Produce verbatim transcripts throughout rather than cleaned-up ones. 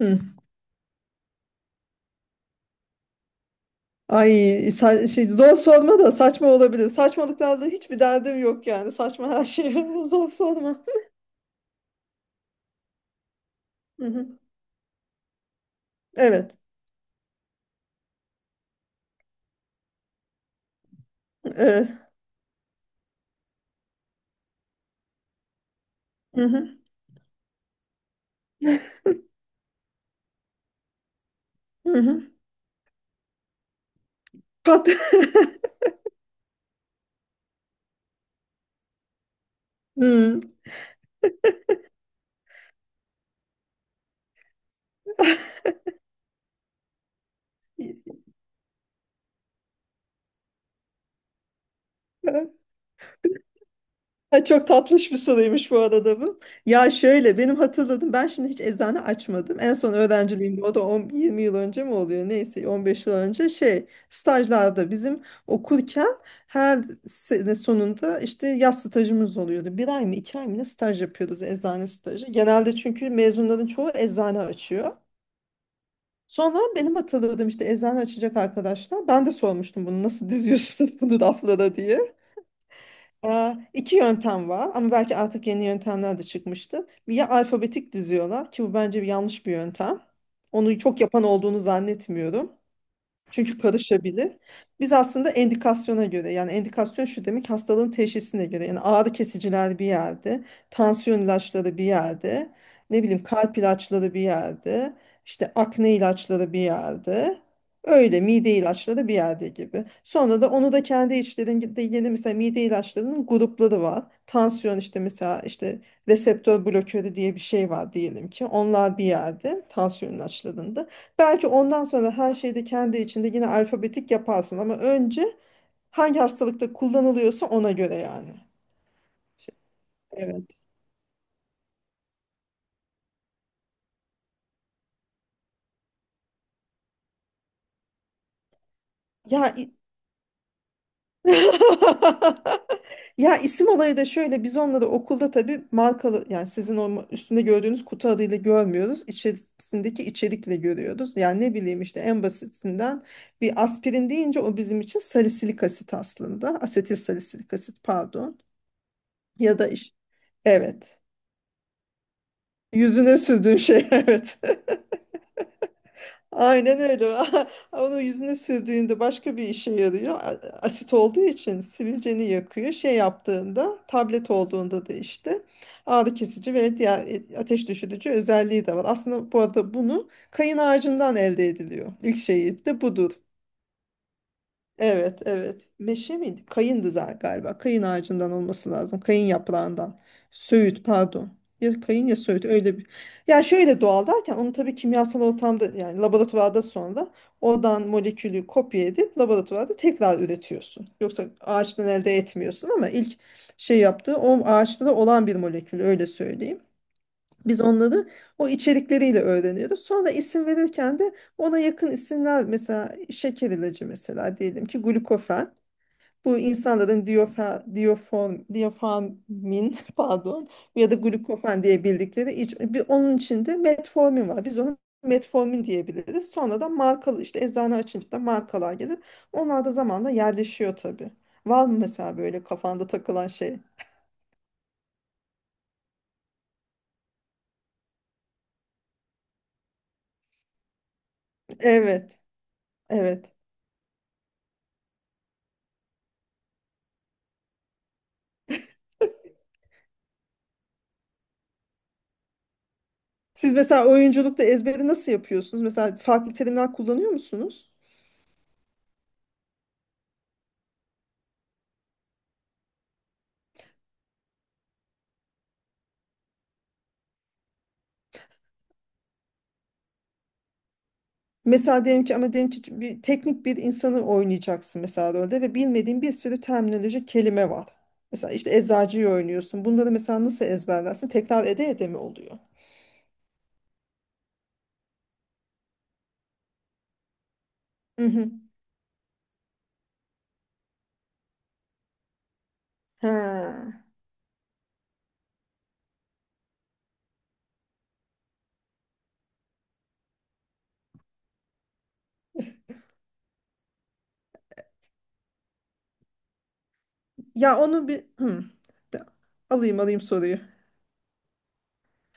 Hı. Ay sa- şey, zor sorma da saçma olabilir. Saçmalıklarla hiçbir derdim yok yani. Saçma her şey. Zor sorma. Hı hı. Evet. Evet. Hı hı. Hı hı. Kat. Hı. Ha, çok tatlış bir soruymuş bu arada bu. Ya şöyle benim hatırladım ben şimdi hiç eczane açmadım. En son öğrenciliğimde o da on, yirmi yıl önce mi oluyor neyse on beş yıl önce şey stajlarda bizim okurken her sene sonunda işte yaz stajımız oluyordu. Bir ay mı iki ay mı ne staj yapıyoruz eczane stajı. Genelde çünkü mezunların çoğu eczane açıyor. Sonra benim hatırladığım işte eczane açacak arkadaşlar. Ben de sormuştum bunu nasıl diziyorsunuz bunu raflara diye. Ee, iki yöntem var ama belki artık yeni yöntemler de çıkmıştı. Ya alfabetik diziyorlar ki bu bence bir yanlış bir yöntem. Onu çok yapan olduğunu zannetmiyorum. Çünkü karışabilir. Biz aslında endikasyona göre yani endikasyon şu demek hastalığın teşhisine göre yani ağrı kesiciler bir yerde, tansiyon ilaçları bir yerde, ne bileyim kalp ilaçları bir yerde, işte akne ilaçları bir yerde. Öyle mide ilaçları bir yerde gibi. Sonra da onu da kendi içlerinde yeni mesela mide ilaçlarının grupları var. Tansiyon işte mesela işte reseptör blokörü diye bir şey var diyelim ki. Onlar bir yerde tansiyon ilaçlarında. Belki ondan sonra her şeyi de kendi içinde yine alfabetik yaparsın ama önce hangi hastalıkta kullanılıyorsa ona göre yani. Evet. Ya i- Ya isim olayı da şöyle biz onları okulda tabii markalı yani sizin o üstünde gördüğünüz kutu adıyla görmüyoruz. İçerisindeki içerikle görüyoruz. Yani ne bileyim işte en basitinden bir aspirin deyince o bizim için salisilik asit aslında. Asetil salisilik asit pardon. Ya da işte evet. Yüzüne sürdüğün şey evet. Aynen öyle. Onu yüzüne sürdüğünde başka bir işe yarıyor. A- Asit olduğu için sivilceni yakıyor. Şey yaptığında, tablet olduğunda da işte ağrı kesici ve diğer e, ateş düşürücü özelliği de var. Aslında bu arada bunu kayın ağacından elde ediliyor. İlk şeyi de budur. Evet, evet. Meşe miydi? Kayındı za- galiba. Kayın ağacından olması lazım. Kayın yaprağından. Söğüt, pardon. Ya kayın ya söğüt öyle bir. Yani şöyle doğal derken onu tabii kimyasal ortamda yani laboratuvarda sonra oradan molekülü kopya edip laboratuvarda tekrar üretiyorsun. Yoksa ağaçtan elde etmiyorsun ama ilk şey yaptığı o ağaçta da olan bir molekül öyle söyleyeyim. Biz onları o içerikleriyle öğreniyoruz. Sonra isim verirken de ona yakın isimler mesela şeker ilacı mesela diyelim ki glukofen. Bu insanların diyofer, diyoform, diyoformin pardon ya da glukofen diye bildikleri iç, bir, onun içinde metformin var. Biz onu metformin diyebiliriz. Sonra da markalı işte eczane açınca da markalar gelir. Onlar da zamanla yerleşiyor tabii. Var mı mesela böyle kafanda takılan şey? Evet. Evet. Siz mesela oyunculukta ezberi nasıl yapıyorsunuz? Mesela farklı terimler kullanıyor musunuz? Mesela diyelim ki ama diyelim ki bir teknik bir insanı oynayacaksın mesela rolde ve bilmediğin bir sürü terminoloji kelime var. Mesela işte eczacıyı oynuyorsun. Bunları mesela nasıl ezberlersin? Tekrar ede ede mi oluyor? Hı hı. Ha. Ya onu bir hı. De- alayım alayım soruyu.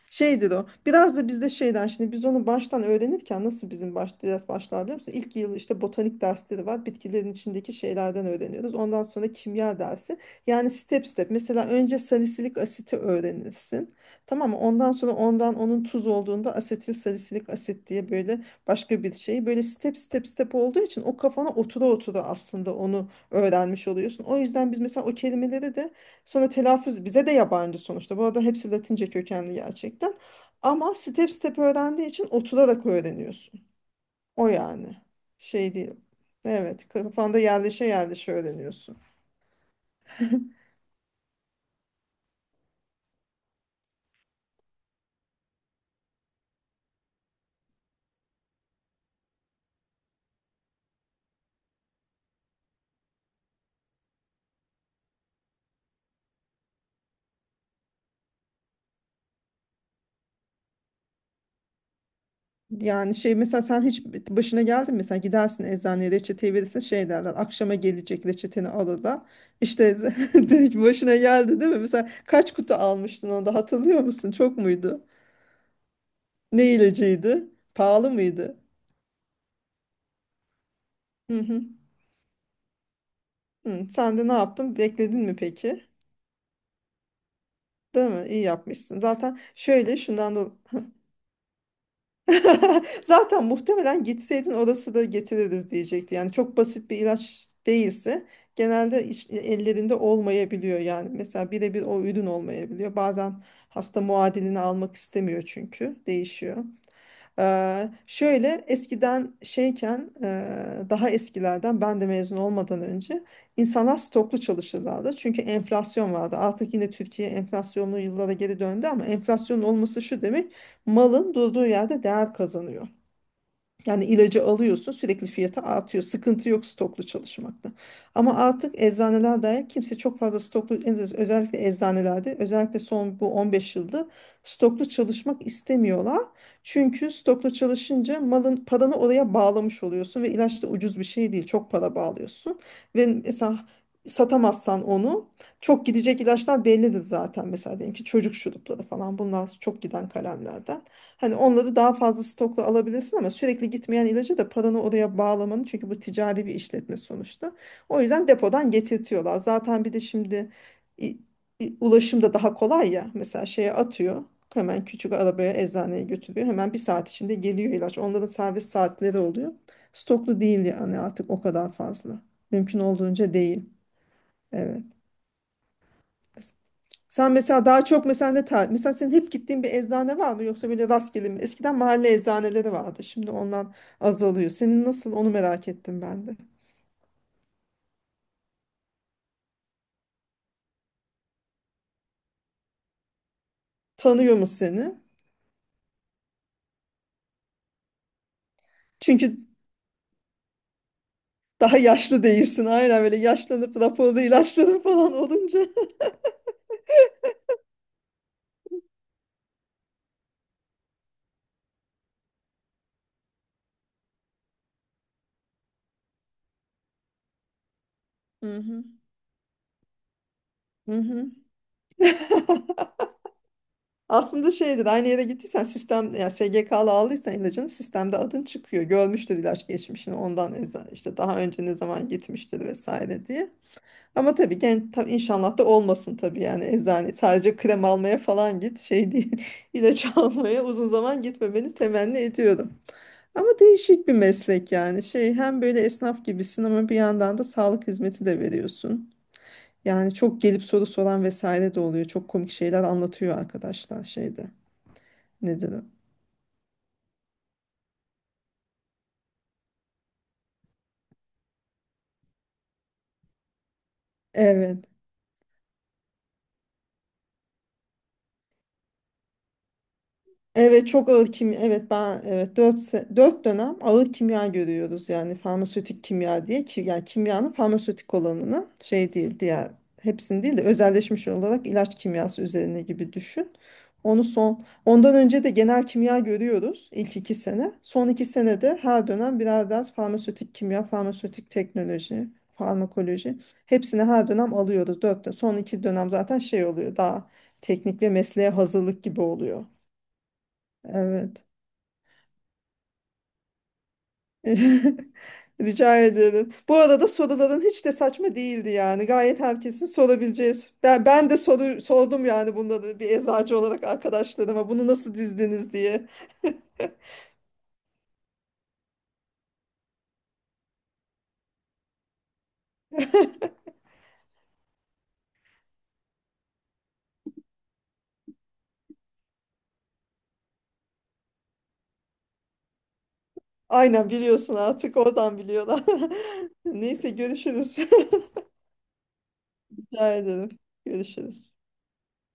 Şeydir o. Biraz da bizde şeyden şimdi biz onu baştan öğrenirken nasıl bizim baş, biraz başlar biliyor musun? İlk yıl işte botanik dersleri var. Bitkilerin içindeki şeylerden öğreniyoruz. Ondan sonra kimya dersi. Yani step step. Mesela önce salisilik asiti öğrenirsin. Tamam mı? Ondan sonra ondan onun tuz olduğunda asetil salisilik asit diye böyle başka bir şey. Böyle step step step olduğu için o kafana otura otura aslında onu öğrenmiş oluyorsun. O yüzden biz mesela o kelimeleri de. Sonra telaffuz bize de yabancı sonuçta. Bu arada hepsi Latince kökenli gerçekten. Ama step step öğrendiği için oturarak öğreniyorsun. O yani. Şey değil. Evet, kafanda yerleşe yerleşe öğreniyorsun. Yani şey mesela sen hiç başına geldi mi? Mesela gidersin eczaneye reçeteyi verirsin şey derler. Akşama gelecek reçeteni alırlar. İşte direkt başına geldi değil mi? Mesela kaç kutu almıştın onu da hatırlıyor musun? Çok muydu? Ne ilacıydı? Pahalı mıydı? Hı hı. Hı, sen de ne yaptın? Bekledin mi peki? Değil mi? İyi yapmışsın. Zaten şöyle şundan da. Zaten muhtemelen gitseydin orası da getiririz diyecekti. Yani çok basit bir ilaç değilse genelde iş- e, ellerinde olmayabiliyor yani. Mesela birebir o ürün olmayabiliyor. Bazen hasta muadilini almak istemiyor çünkü değişiyor. Eee, şöyle eskiden şeyken eee, daha eskilerden ben de mezun olmadan önce insanlar stoklu çalışırlardı. Çünkü enflasyon vardı. Artık yine Türkiye enflasyonlu yıllara geri döndü ama enflasyonun olması şu demek malın durduğu yerde değer kazanıyor. Yani ilacı alıyorsun sürekli fiyatı artıyor. Sıkıntı yok stoklu çalışmakta. Ama artık eczaneler dair kimse çok fazla stoklu en az- özellikle eczanelerde özellikle son bu on beş yılda stoklu çalışmak istemiyorlar. Çünkü stoklu çalışınca malın paranı oraya bağlamış oluyorsun ve ilaç da ucuz bir şey değil. Çok para bağlıyorsun ve mesela satamazsan onu çok gidecek ilaçlar bellidir zaten. Mesela diyelim ki çocuk şurupları falan bunlar çok giden kalemlerden. Hani onları daha fazla stokla alabilirsin ama sürekli gitmeyen ilacı da paranı oraya bağlamanın çünkü bu ticari bir işletme sonuçta. O yüzden depodan getirtiyorlar. Zaten bir de şimdi i- i- ulaşım da daha kolay ya. Mesela şeye atıyor. Hemen küçük arabaya eczaneye götürüyor. Hemen bir saat içinde geliyor ilaç. Onların servis saatleri oluyor. Stoklu değil yani artık o kadar fazla. Mümkün olduğunca değil. Evet. Sen mesela daha çok mesela ne tar- mesela senin hep gittiğin bir eczane var mı yoksa böyle rastgele mi? Eskiden mahalle eczaneleri vardı. Şimdi ondan azalıyor. Senin nasıl onu merak ettim ben de. Tanıyor mu seni? Çünkü daha yaşlı değilsin. Aynen böyle yaşlanıp raporlu ilaçlanıp falan olunca. Hı hı. Hı hı. Aslında şeydir aynı yere gittiysen sistem yani S G K'lı aldıysan ilacını sistemde adın çıkıyor. Görmüştür ilaç geçmişini ondan eza- işte daha önce ne zaman gitmiştir vesaire diye. Ama tabii genç tabii inşallah da olmasın tabii yani eczane sadece krem almaya falan git şey değil ilaç almaya uzun zaman gitmemeni temenni ediyorum. Ama değişik bir meslek yani şey hem böyle esnaf gibisin ama bir yandan da sağlık hizmeti de veriyorsun. Yani çok gelip soru soran vesaire de oluyor. Çok komik şeyler anlatıyor arkadaşlar şeyde. Nedir o? Evet. Evet çok ağır kimya. Evet ben evet 4 dört dönem ağır kimya görüyoruz yani farmasötik kimya diye ki yani kimyanın farmasötik olanını şey değil diğer hepsini değil de özelleşmiş olarak ilaç kimyası üzerine gibi düşün. Onu son ondan önce de genel kimya görüyoruz ilk iki sene. Son iki senede her dönem birer ders farmasötik kimya, farmasötik teknoloji, farmakoloji hepsini her dönem alıyoruz. Dört, dön- son iki dönem zaten şey oluyor daha teknik ve mesleğe hazırlık gibi oluyor. Evet. Rica ederim. Bu arada soruların hiç de saçma değildi yani. Gayet herkesin sorabileceği. Ben, ben de soru, sordum yani bunları bir eczacı olarak arkadaşlarıma bunu nasıl dizdiniz diye. Aynen biliyorsun artık oradan biliyorlar. Neyse görüşürüz. Rica ederim. Görüşürüz.